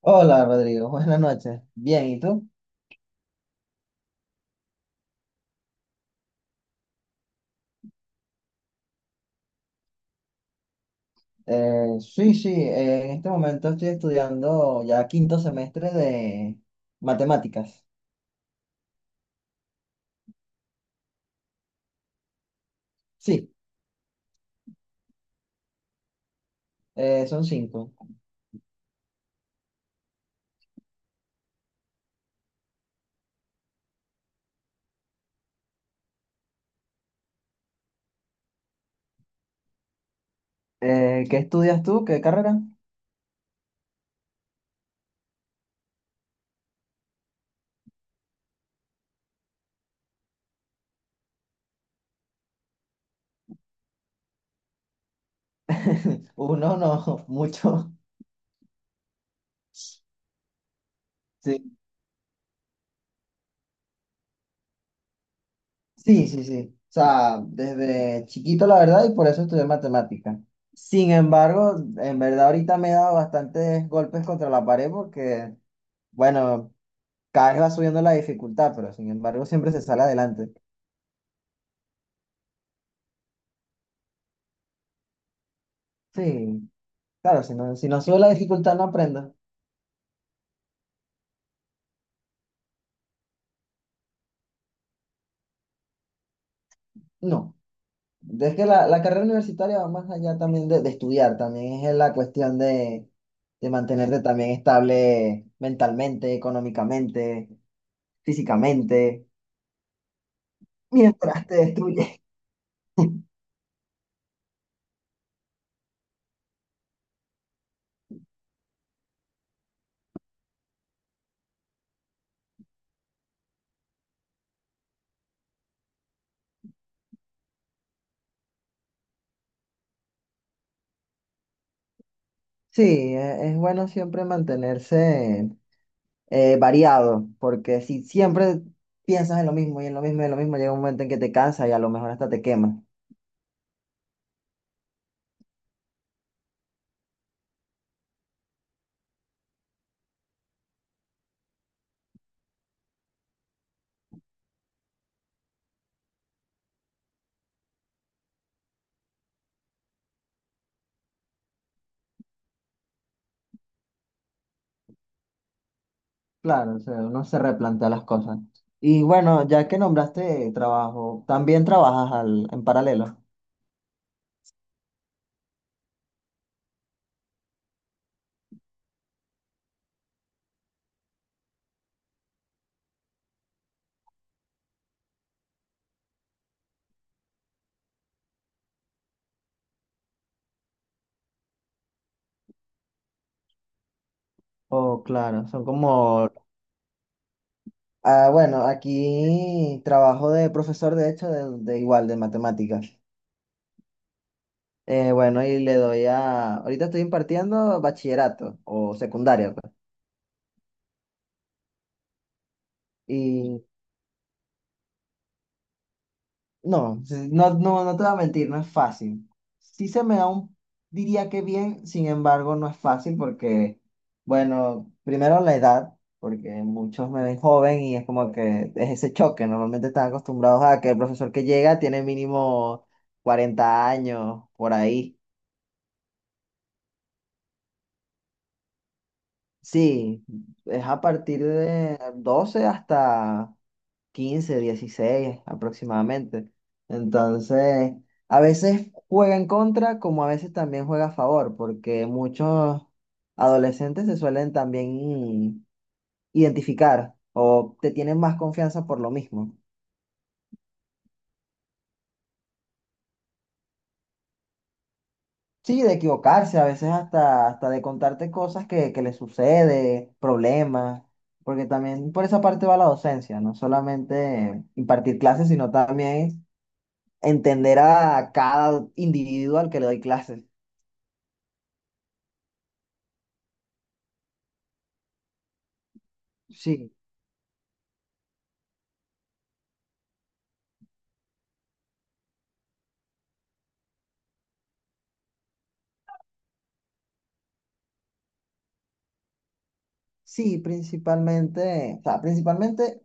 Hola Rodrigo, buenas noches. Bien, ¿y tú? Sí, en este momento estoy estudiando ya quinto semestre de matemáticas. Sí, son cinco. ¿Qué estudias tú? ¿Qué carrera? Uno, no, mucho. Sí, sí, sí. O sea, desde chiquito la verdad y por eso estudié matemáticas. Sin embargo, en verdad ahorita me he dado bastantes golpes contra la pared porque, bueno, cada vez va subiendo la dificultad, pero sin embargo siempre se sale adelante. Sí, claro, si no, si no sube la dificultad no aprendas. No, es que la carrera universitaria va más allá también de estudiar, también es la cuestión de mantenerte también estable mentalmente, económicamente, físicamente, mientras te destruyes. Sí, es bueno siempre mantenerse variado, porque si siempre piensas en lo mismo y en lo mismo y en lo mismo, llega un momento en que te cansas y a lo mejor hasta te quemas. Claro, o sea, uno se replantea las cosas. Y bueno, ya que nombraste trabajo, ¿también trabajas en paralelo? Oh, claro, son como... Ah, bueno, aquí trabajo de profesor, de hecho, de igual, de matemáticas. Bueno, y le doy a... Ahorita estoy impartiendo bachillerato o secundaria, pues. Y No, sí, no, no, no te voy a mentir, no es fácil. Sí se me da un, diría que bien, sin embargo, no es fácil porque, bueno, primero la edad, porque muchos me ven joven y es como que es ese choque. Normalmente están acostumbrados a que el profesor que llega tiene mínimo 40 años, por ahí. Sí, es a partir de 12 hasta 15, 16, aproximadamente. Entonces, a veces juega en contra, como a veces también juega a favor, porque muchos adolescentes se suelen también identificar o te tienen más confianza por lo mismo. Sí, de equivocarse, a veces hasta de contarte cosas que les sucede, problemas, porque también por esa parte va la docencia, no solamente impartir clases, sino también entender a cada individuo al que le doy clases. Sí, sí, principalmente, o sea, principalmente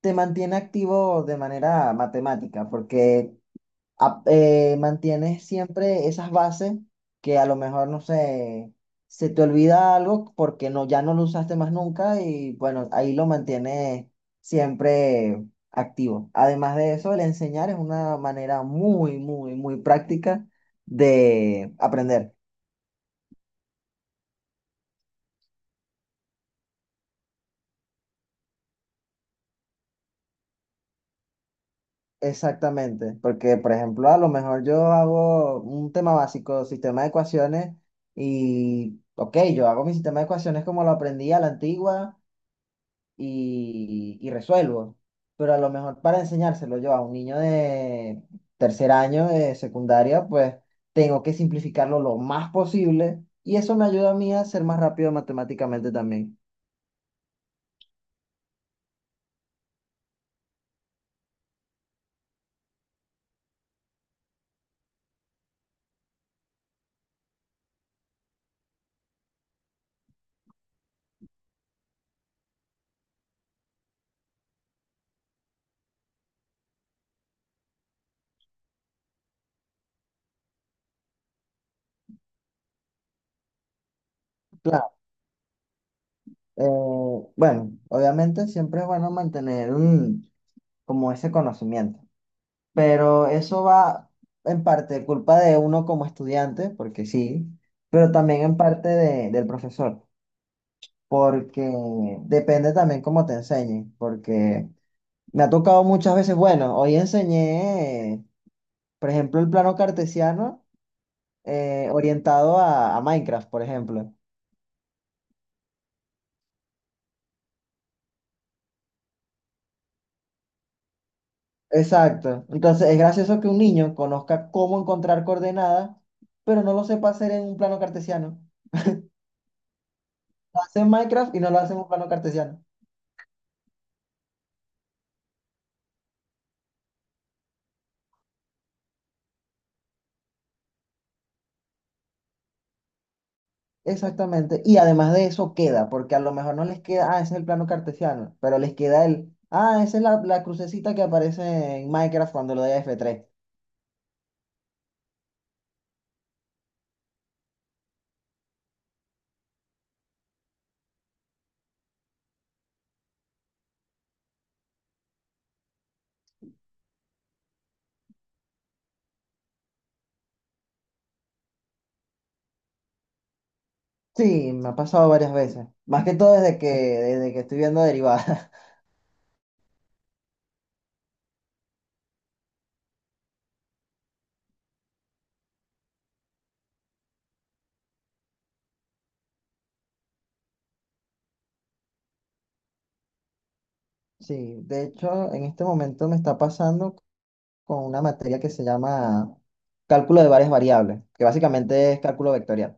te mantiene activo de manera matemática, porque mantienes siempre esas bases que a lo mejor, no sé, se te olvida algo porque no, ya no lo usaste más nunca y bueno, ahí lo mantienes siempre activo. Además de eso, el enseñar es una manera muy, muy, muy práctica de aprender. Exactamente, porque por ejemplo, a lo mejor yo hago un tema básico, sistema de ecuaciones, y ok, yo hago mi sistema de ecuaciones como lo aprendí a la antigua y resuelvo, pero a lo mejor para enseñárselo yo a un niño de 3.er año de secundaria, pues tengo que simplificarlo lo más posible y eso me ayuda a mí a ser más rápido matemáticamente también. Claro, eh, bueno, obviamente siempre es bueno mantener como ese conocimiento. Pero eso va en parte culpa de uno como estudiante, porque sí, pero también en parte del profesor, porque depende también cómo te enseñen, porque me ha tocado muchas veces, bueno, hoy enseñé, por ejemplo, el plano cartesiano orientado a Minecraft, por ejemplo. Exacto. Entonces es gracioso que un niño conozca cómo encontrar coordenadas, pero no lo sepa hacer en un plano cartesiano. Lo hace en Minecraft y no lo hace en un plano cartesiano. Exactamente. Y además de eso queda, porque a lo mejor no les queda, ah, ese es el plano cartesiano, pero les queda el, ah, esa es la crucecita que aparece en Minecraft cuando lo doy a F3. Sí, me ha pasado varias veces. Más que todo desde que estoy viendo derivadas. Sí, de hecho, en este momento me está pasando con una materia que se llama cálculo de varias variables, que básicamente es cálculo vectorial.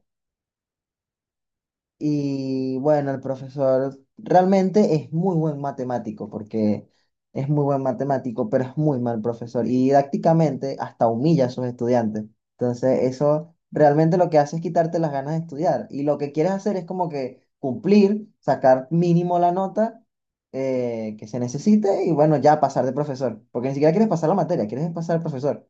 Y bueno, el profesor realmente es muy buen matemático, porque es muy buen matemático, pero es muy mal profesor. Y didácticamente hasta humilla a sus estudiantes. Entonces, eso realmente lo que hace es quitarte las ganas de estudiar. Y lo que quieres hacer es como que cumplir, sacar mínimo la nota que se necesite y bueno, ya pasar de profesor. Porque ni siquiera quieres pasar la materia, quieres pasar al profesor.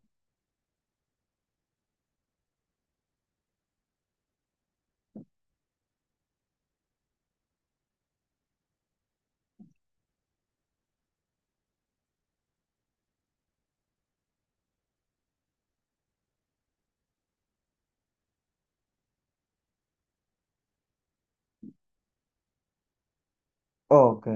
Ok,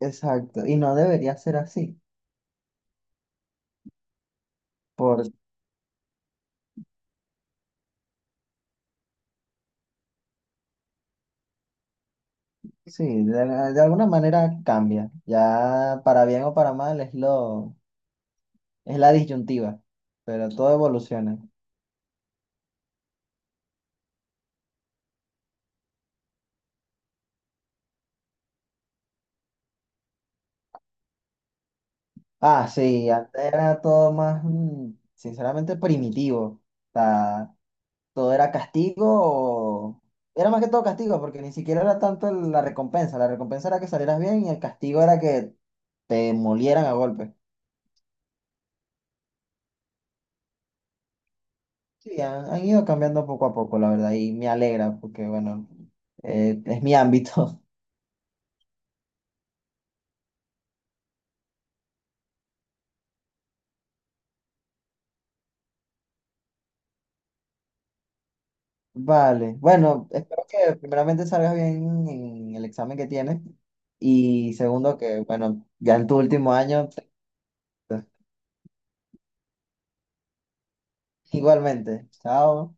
exacto. Y no debería ser así. Sí, de alguna manera cambia. Ya para bien o para mal es es la disyuntiva, pero todo evoluciona. Ah, sí, antes era todo más, mm, sinceramente, primitivo. O sea, todo era castigo o... Era más que todo castigo, porque ni siquiera era tanto la recompensa. La recompensa era que salieras bien y el castigo era que te molieran a golpes. Sí, han ido cambiando poco a poco, la verdad, y me alegra porque, bueno, es mi ámbito. Vale, bueno, espero que primeramente salgas bien en el examen que tienes y segundo que, bueno, ya en tu último año, te- igualmente. Chao.